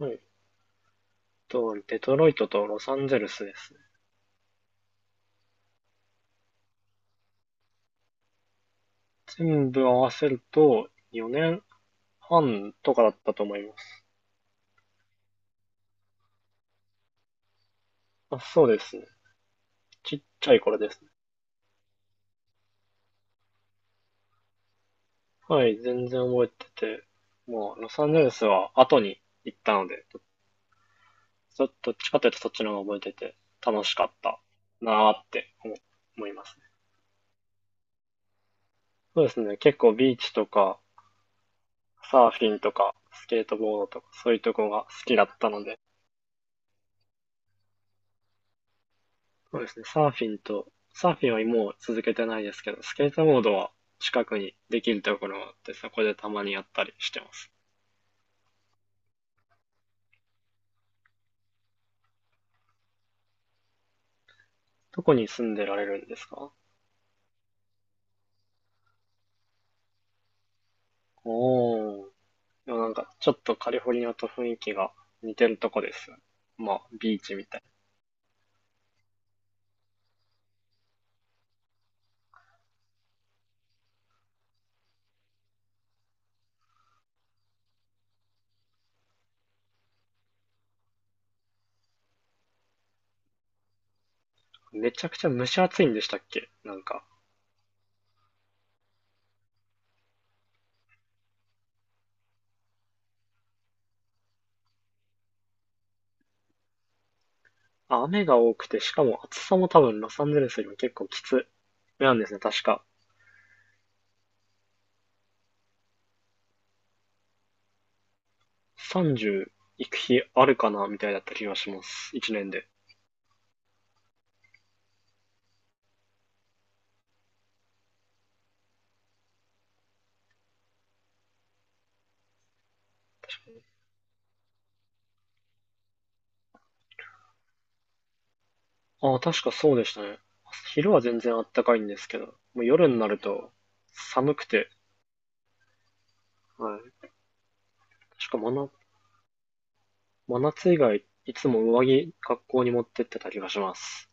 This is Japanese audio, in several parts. えっデトロイトとロサンゼルスですね。全部合わせると4年半とかだったと思います。あ、そうですね。ちっちゃい頃ですね。はい、全然覚えてて、もうロサンゼルスは後に行ったので、どっちかというとそっちの方が覚えてて楽しかったなーって思いますねそうですね。結構ビーチとかサーフィンとかスケートボードとかそういうとこが好きだったので、そうですね。サーフィンはもう続けてないですけど、スケートボードは近くにできるところがあって、そこでたまにやったりしてます。どこに住んでられるんですか？おー。でもなんか、ちょっとカリフォルニアと雰囲気が似てるとこです。まあ、ビーチみたいな。めちゃくちゃ蒸し暑いんでしたっけ、なんか。あ、雨が多くて、しかも暑さも多分ロサンゼルスよりも結構きつめなんですね、確か。30行く日あるかなみたいだった気がします、1年で。ああ、確かそうでしたね。昼は全然あったかいんですけど、もう夜になると寒くて、はい。確か真夏、真夏以外、いつも上着、学校に持ってってた気がします。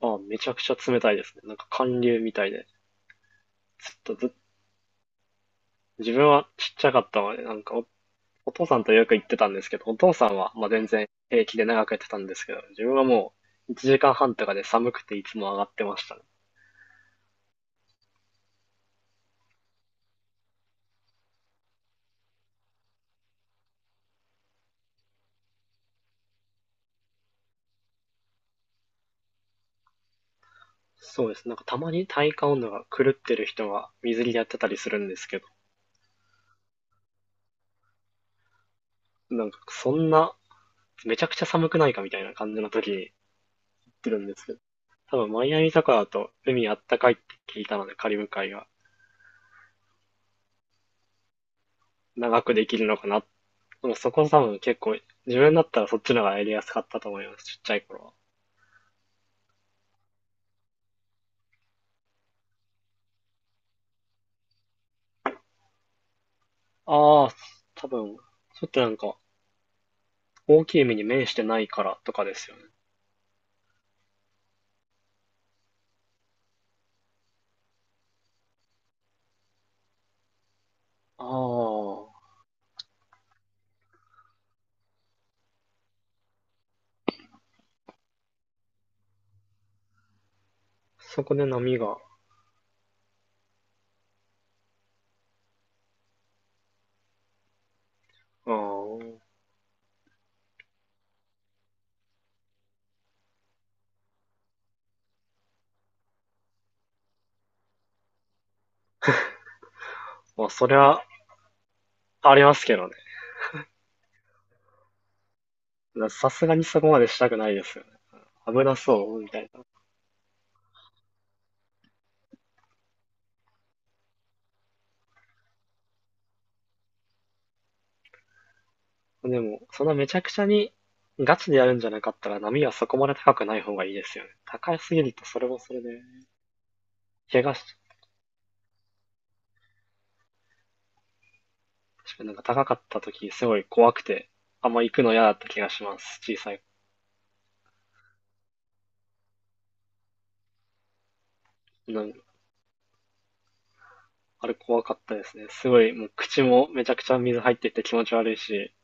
ああ、めちゃくちゃ冷たいですね。なんか寒流みたいで。ずっとず、自分はちっちゃかったので、お父さんとよく行ってたんですけど、お父さんは、まあ、全然平気で長くやってたんですけど、自分はもう1時間半とかで寒くていつも上がってましたね。そうです。なんかたまに体感温度が狂ってる人が水着でやってたりするんですけど、なんかそんな、めちゃくちゃ寒くないかみたいな感じの時に行ってるんですけど、多分マイアミとかだと海あったかいって聞いたので、カリブ海が長くできるのかな。でもそこ多分結構、自分だったらそっちの方がやりやすかったと思います、ちっちゃい頃は。ああ、多分、ちょっとなんか、大きい海に面してないからとかですよね。ああ、そこで波が、ああ、まあそれはありますけどね。さすがにそこまでしたくないですよね。危なそう、みたいな。でも、そのめちゃくちゃにガチでやるんじゃなかったら波はそこまで高くない方がいいですよね。高すぎるとそれもそれで、怪我し、かなんか高かった時すごい怖くて、あんま行くの嫌だった気がします、小さい。なんあれ怖かったですね。すごい、もう口もめちゃくちゃ水入ってて気持ち悪いし、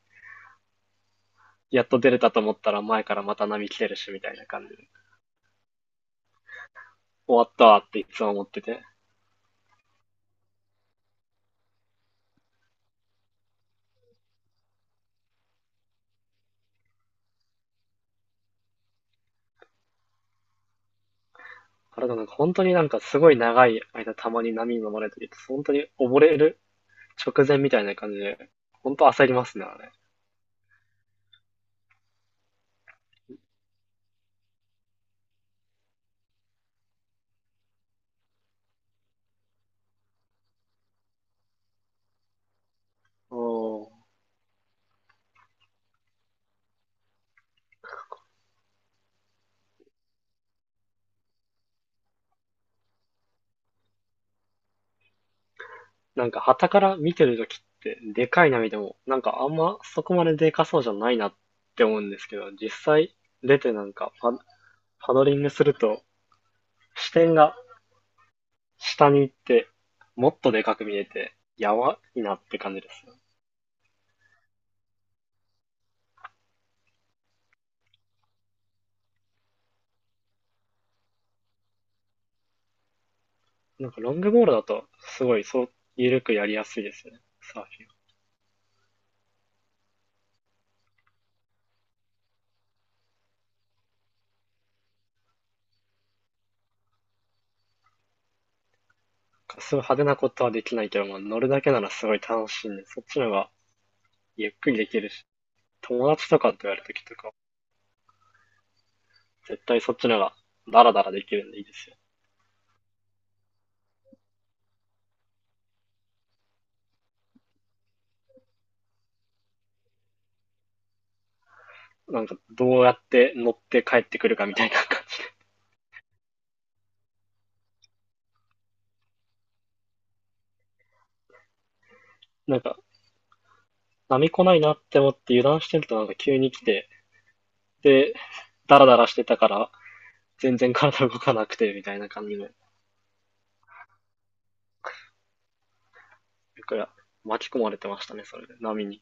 やっと出れたと思ったら前からまた波来てるしみたいな感じで、終わったわっていつも思ってて。あれだなんか本当になんかすごい長い間たまに波に飲まれてると、本当に溺れる直前みたいな感じで、ほんと焦りますね、あれ。おー。なんか、傍から見てるときって、でかい波でも、なんかあんまそこまででかそうじゃないなって思うんですけど、実際出てパドリングすると、視点が下に行って、もっとでかく見えて、やばいなって感じですよ。なんかロングボールだと、すごいそう、緩くやりやすいですよね、サーフィン。すごい派手なことはできないけど、まあ乗るだけならすごい楽しいんで、そっちの方がゆっくりできるし、友達とかとやるときとか、絶対そっちの方がダラダラできるんでいいですよ。なんか、どうやって乗って帰ってくるかみたいな感じ。なんか、波来ないなって思って油断してるとなんか急に来て、で、ダラダラしてたから、全然体動かなくて、みたいな感じの、だから、巻き込まれてましたね、それで、波に。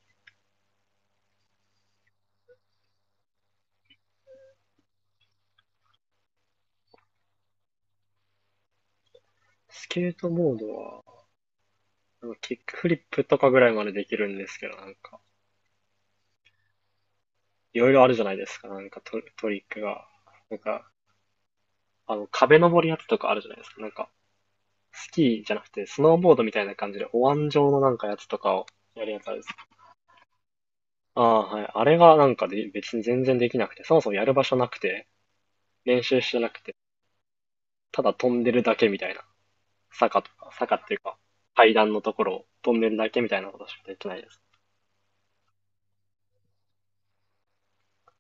スケートボードは、なんかキックフリップとかぐらいまでできるんですけど、なんか、いろいろあるじゃないですか、なんかトトリックが。なんか、あの、壁登りやつとかあるじゃないですか、なんか、スキーじゃなくて、スノーボードみたいな感じで、お椀状のなんかやつとかをやるやつあるんです。ああ、はい。あれがなんかで、別に全然できなくて、そもそもやる場所なくて、練習してなくて、ただ飛んでるだけみたいな。坂とか、坂っていうか、階段のところを飛んでるだけみたいなことしかできないです。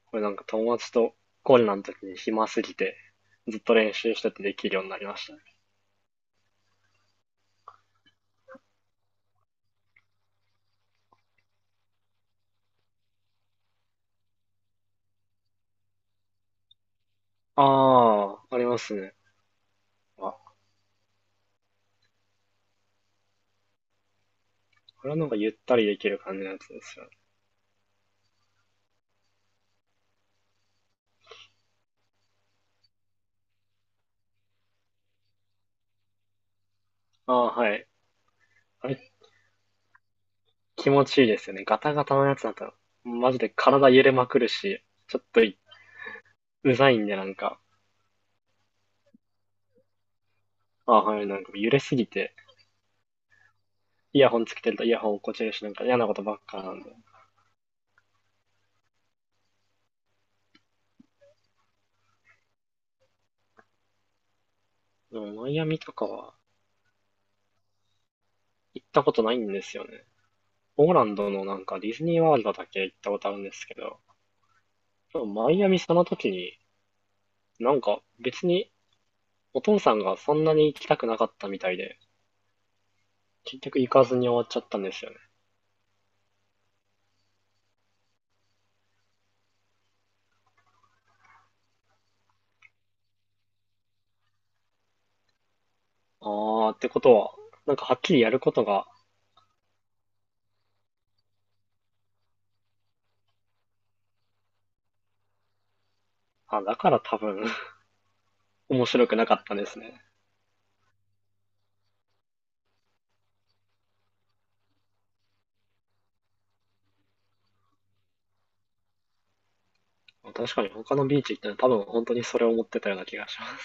これなんか友達とコロナの時に暇すぎて、ずっと練習しててできるようになりましたね。ああ、ありますね。あ、これはなんかゆったりできる感じのやつですよね。ああ、はい。あれ、気持ちいいですよね。ガタガタのやつだと、マジで体揺れまくるし、ちょっとうざいんでなんか、あはい、なんか揺れすぎて、イヤホンつけてるとイヤホン落っこちるし、なんか嫌なことばっかなんで。でもマイアミとかは行ったことないんですよね。オーランドのなんかディズニーワールドだけ行ったことあるんですけど、でもマイアミその時に、なんか別にお父さんがそんなに行きたくなかったみたいで、結局行かずに終わっちゃったんですよね。あーってことは、なんかはっきりやることが、あ、だから多分面白くなかったですね。確かに他のビーチ行っても多分本当にそれを思ってたような気がします。